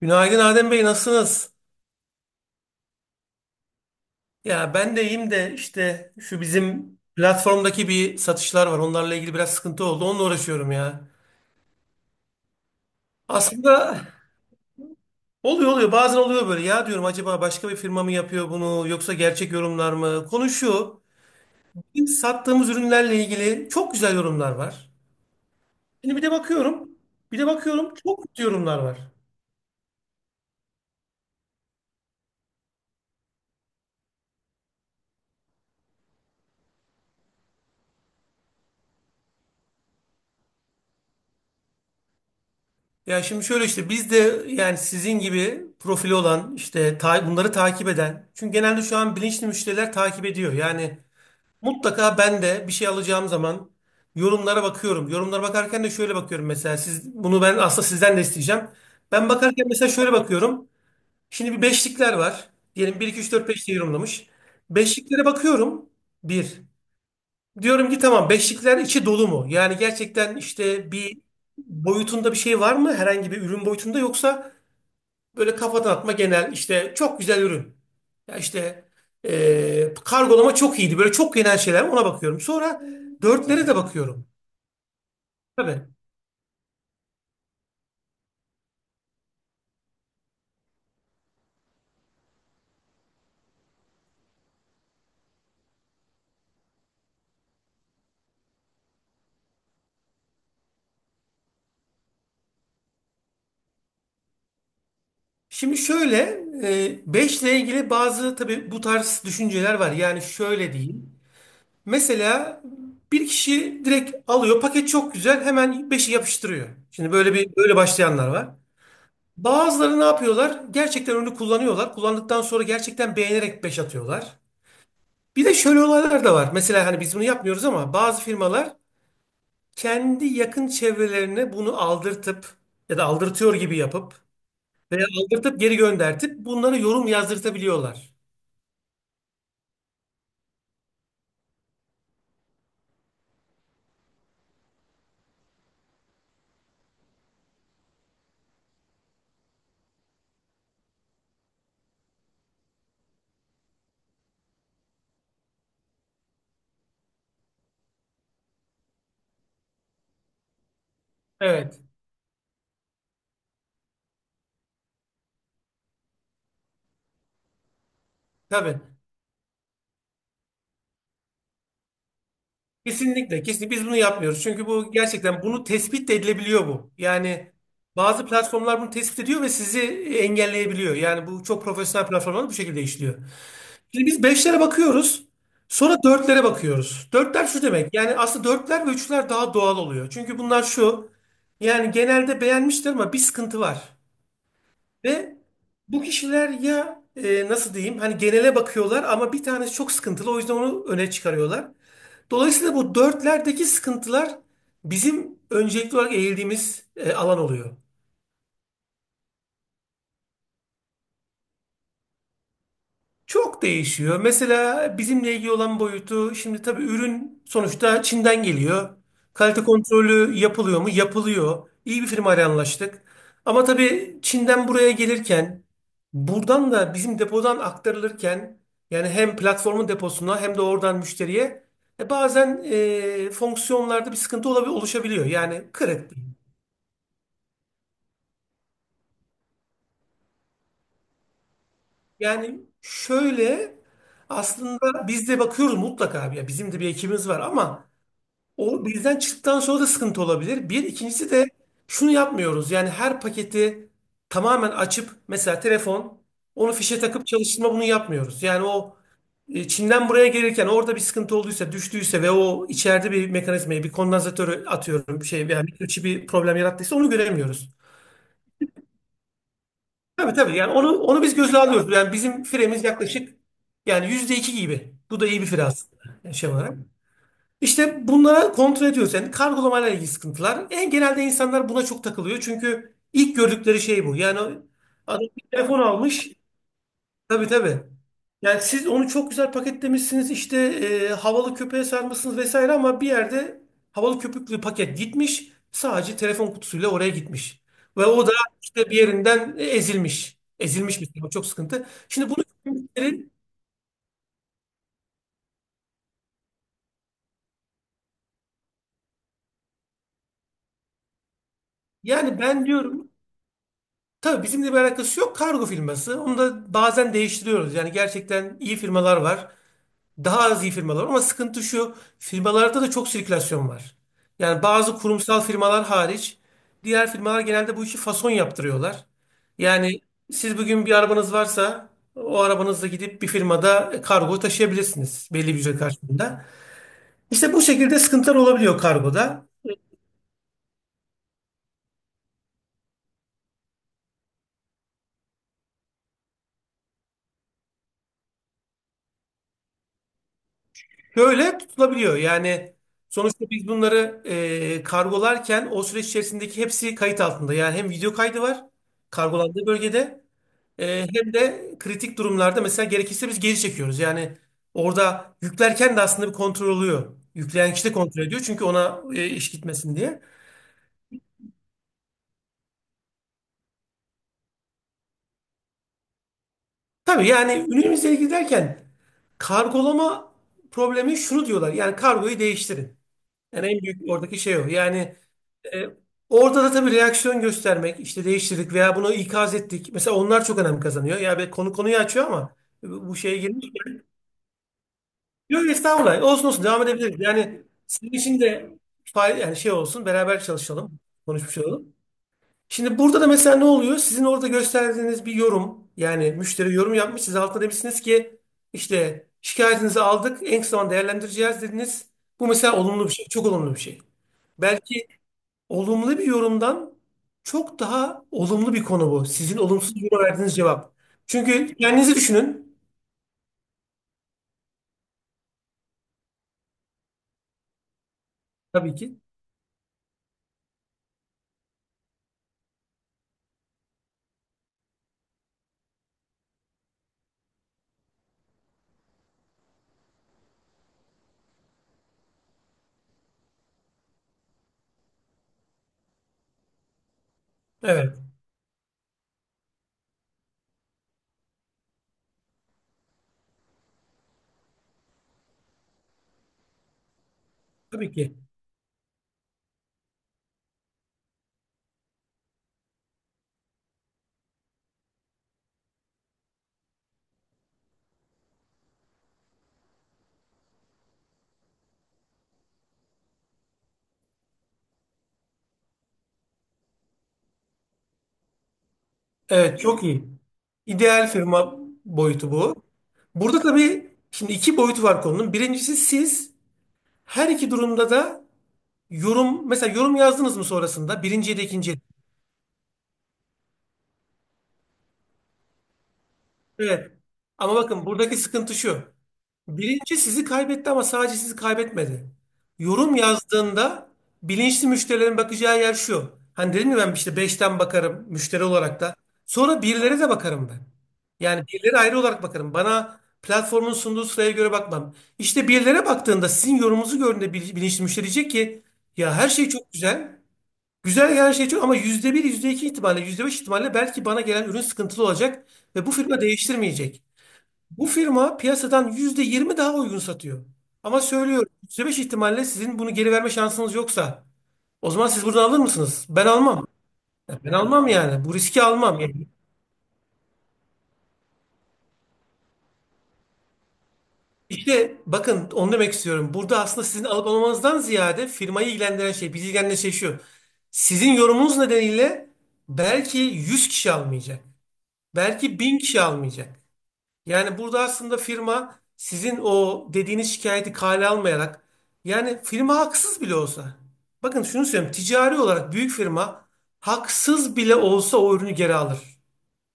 Günaydın Adem Bey, nasılsınız? Ya ben de iyiyim de işte şu bizim platformdaki bir satışlar var. Onlarla ilgili biraz sıkıntı oldu. Onunla uğraşıyorum ya. Aslında oluyor. Bazen oluyor böyle. Ya diyorum acaba başka bir firma mı yapıyor bunu yoksa gerçek yorumlar mı? Konu şu. Bizim sattığımız ürünlerle ilgili çok güzel yorumlar var. Şimdi bir de bakıyorum. Bir de bakıyorum çok kötü yorumlar var. Ya şimdi şöyle işte biz de yani sizin gibi profili olan işte bunları takip eden. Çünkü genelde şu an bilinçli müşteriler takip ediyor. Yani mutlaka ben de bir şey alacağım zaman yorumlara bakıyorum. Yorumlara bakarken de şöyle bakıyorum, mesela siz bunu ben aslında sizden de isteyeceğim. Ben bakarken mesela şöyle bakıyorum. Şimdi bir beşlikler var. Diyelim bir 2 3 4 5 diye yorumlamış. Beşliklere bakıyorum. Bir. Diyorum ki tamam, beşlikler içi dolu mu? Yani gerçekten işte bir boyutunda bir şey var mı? Herhangi bir ürün boyutunda, yoksa böyle kafadan atma genel işte çok güzel ürün. Ya işte kargolama çok iyiydi. Böyle çok genel şeyler, ona bakıyorum. Sonra dörtlere de bakıyorum. Tabii. Şimdi şöyle beşle ilgili bazı tabii bu tarz düşünceler var. Yani şöyle diyeyim. Mesela bir kişi direkt alıyor, paket çok güzel, hemen beşi yapıştırıyor. Şimdi böyle bir böyle başlayanlar var. Bazıları ne yapıyorlar? Gerçekten ürünü kullanıyorlar. Kullandıktan sonra gerçekten beğenerek 5 atıyorlar. Bir de şöyle olaylar da var. Mesela hani biz bunu yapmıyoruz ama bazı firmalar kendi yakın çevrelerine bunu aldırtıp ya da aldırtıyor gibi yapıp veya aldırtıp geri göndertip bunlara yorum yazdırtabiliyorlar. Evet. Tabii. Kesinlikle. Kesinlikle biz bunu yapmıyoruz. Çünkü bu gerçekten bunu tespit de edilebiliyor bu. Yani bazı platformlar bunu tespit ediyor ve sizi engelleyebiliyor. Yani bu çok profesyonel platformlar bu şekilde işliyor. Şimdi biz beşlere bakıyoruz. Sonra dörtlere bakıyoruz. Dörtler şu demek. Yani aslında dörtler ve üçler daha doğal oluyor. Çünkü bunlar şu. Yani genelde beğenmiştir ama bir sıkıntı var. Ve bu kişiler ya nasıl diyeyim, hani genele bakıyorlar ama bir tanesi çok sıkıntılı, o yüzden onu öne çıkarıyorlar. Dolayısıyla bu dörtlerdeki sıkıntılar bizim öncelikli olarak eğildiğimiz alan oluyor. Çok değişiyor. Mesela bizimle ilgili olan boyutu, şimdi tabii ürün sonuçta Çin'den geliyor. Kalite kontrolü yapılıyor mu? Yapılıyor. İyi bir firmayla anlaştık. Ama tabii Çin'den buraya gelirken, buradan da bizim depodan aktarılırken, yani hem platformun deposuna hem de oradan müşteriye bazen fonksiyonlarda bir sıkıntı oluşabiliyor. Yani kırık. Yani şöyle, aslında biz de bakıyoruz mutlaka, ya bizim de bir ekibimiz var ama o birden çıktıktan sonra da sıkıntı olabilir. Bir, ikincisi de şunu yapmıyoruz. Yani her paketi tamamen açıp, mesela telefon, onu fişe takıp çalıştırma, bunu yapmıyoruz. Yani o Çin'den buraya gelirken orada bir sıkıntı olduysa, düştüyse ve o içeride bir mekanizmayı, bir kondansatörü, atıyorum bir şey veya mikroçip bir problem yarattıysa onu göremiyoruz. Tabii, yani onu biz göze alıyoruz. Yani bizim firemiz yaklaşık, yani %2 gibi. Bu da iyi bir fire aslında, yani şey olarak. İşte bunlara kontrol ediyoruz. Yani kargolamayla ilgili sıkıntılar. En genelde insanlar buna çok takılıyor. Çünkü ilk gördükleri şey bu. Yani adam bir telefon almış. Tabii. Yani siz onu çok güzel paketlemişsiniz. İşte havalı köpeğe sarmışsınız vesaire, ama bir yerde havalı köpüklü paket gitmiş. Sadece telefon kutusuyla oraya gitmiş. Ve o da işte bir yerinden ezilmiş. Ezilmiş bir şey. O çok sıkıntı. Şimdi bunu, yani ben diyorum, tabii bizimle bir alakası yok. Kargo firması. Onu da bazen değiştiriyoruz. Yani gerçekten iyi firmalar var. Daha az iyi firmalar var. Ama sıkıntı şu. Firmalarda da çok sirkülasyon var. Yani bazı kurumsal firmalar hariç diğer firmalar genelde bu işi fason yaptırıyorlar. Yani siz bugün bir arabanız varsa o arabanızla gidip bir firmada kargo taşıyabilirsiniz, belli bir ücret karşılığında. İşte bu şekilde sıkıntılar olabiliyor kargoda. Şöyle tutulabiliyor. Yani sonuçta biz bunları kargolarken, o süreç içerisindeki hepsi kayıt altında. Yani hem video kaydı var kargolandığı bölgede, hem de kritik durumlarda mesela gerekirse biz geri çekiyoruz. Yani orada yüklerken de aslında bir kontrol oluyor. Yükleyen kişi de kontrol ediyor, çünkü ona iş gitmesin diye. Tabii, yani ürünümüzle ilgili derken kargolama problemi, şunu diyorlar. Yani kargoyu değiştirin. Yani en büyük oradaki şey o. Yani E, orada da tabii reaksiyon göstermek, işte değiştirdik veya bunu ikaz ettik. Mesela onlar çok önem kazanıyor. Ya be, konu konuyu açıyor ama bu şeye girmiş. Yok estağfurullah. Olsun, devam edebiliriz. Yani sizin için de yani şey olsun, beraber çalışalım, konuşmuş olalım. Şimdi burada da mesela ne oluyor? Sizin orada gösterdiğiniz bir yorum, yani müşteri yorum yapmış. Siz altına demişsiniz ki işte şikayetinizi aldık, en kısa zamanda değerlendireceğiz dediniz. Bu mesela olumlu bir şey, çok olumlu bir şey. Belki olumlu bir yorumdan çok daha olumlu bir konu bu. Sizin olumsuz yoruma verdiğiniz cevap. Çünkü kendinizi düşünün. Tabii ki. Evet. Tabii ki. Evet, çok iyi. İdeal firma boyutu bu. Burada tabii şimdi iki boyutu var konunun. Birincisi siz her iki durumda da yorum, mesela yorum yazdınız mı sonrasında? Birinciye de ikinciye de. Evet. Ama bakın buradaki sıkıntı şu. Birinci sizi kaybetti ama sadece sizi kaybetmedi. Yorum yazdığında bilinçli müşterilerin bakacağı yer şu. Hani dedim ya, ben işte beşten bakarım müşteri olarak da. Sonra birilere de bakarım ben. Yani birilere ayrı olarak bakarım. Bana platformun sunduğu sıraya göre bakmam. İşte birilere baktığında sizin yorumunuzu gördüğünde bilinçli müşteri diyecek ki ya her şey çok güzel. Güzel gelen her şey çok, ama %1 %2 ihtimalle, %5 ihtimalle belki bana gelen ürün sıkıntılı olacak ve bu firma değiştirmeyecek. Bu firma piyasadan %20 daha uygun satıyor. Ama söylüyorum, %5 ihtimalle sizin bunu geri verme şansınız yoksa, o zaman siz buradan alır mısınız? Ben almam. Ya ben almam yani. Bu riski almam. Yani işte bakın, onu demek istiyorum. Burada aslında sizin alıp almanızdan ziyade firmayı ilgilendiren şey, bizi ilgilendiren şey şu. Sizin yorumunuz nedeniyle belki 100 kişi almayacak. Belki 1000 kişi almayacak. Yani burada aslında firma sizin o dediğiniz şikayeti kale almayarak, yani firma haksız bile olsa. Bakın şunu söyleyeyim. Ticari olarak büyük firma haksız bile olsa o ürünü geri alır.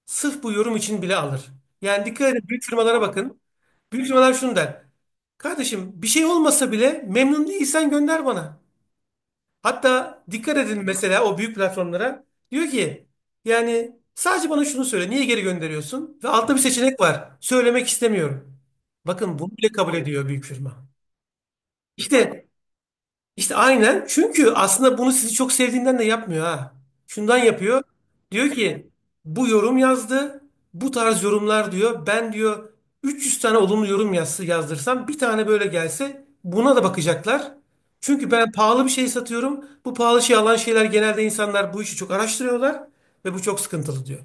Sırf bu yorum için bile alır. Yani dikkat edin, büyük firmalara bakın. Büyük firmalar şunu der. Kardeşim, bir şey olmasa bile memnun değilsen gönder bana. Hatta dikkat edin mesela o büyük platformlara. Diyor ki yani sadece bana şunu söyle. Niye geri gönderiyorsun? Ve altta bir seçenek var. Söylemek istemiyorum. Bakın bunu bile kabul ediyor büyük firma. İşte işte aynen. Çünkü aslında bunu sizi çok sevdiğinden de yapmıyor ha. Şundan yapıyor. Diyor ki bu yorum yazdı. Bu tarz yorumlar diyor. Ben diyor 300 tane olumlu yorum yazsa, yazdırsam bir tane böyle gelse buna da bakacaklar. Çünkü ben pahalı bir şey satıyorum. Bu pahalı şey alan şeyler, genelde insanlar bu işi çok araştırıyorlar ve bu çok sıkıntılı diyor.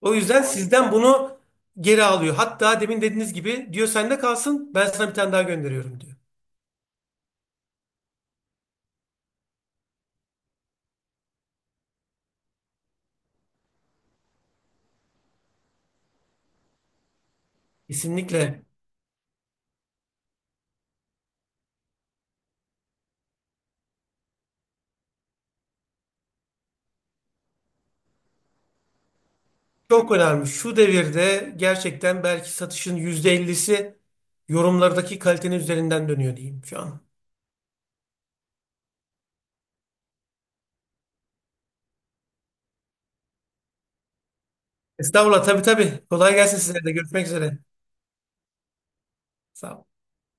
O yüzden sizden bunu geri alıyor. Hatta demin dediğiniz gibi diyor, sende kalsın, ben sana bir tane daha gönderiyorum diyor. Kesinlikle çok önemli. Şu devirde gerçekten belki satışın %50'si yorumlardaki kalitenin üzerinden dönüyor diyeyim şu an. Estağfurullah, tabii. Kolay gelsin size de. Görüşmek üzere. Sağ ol.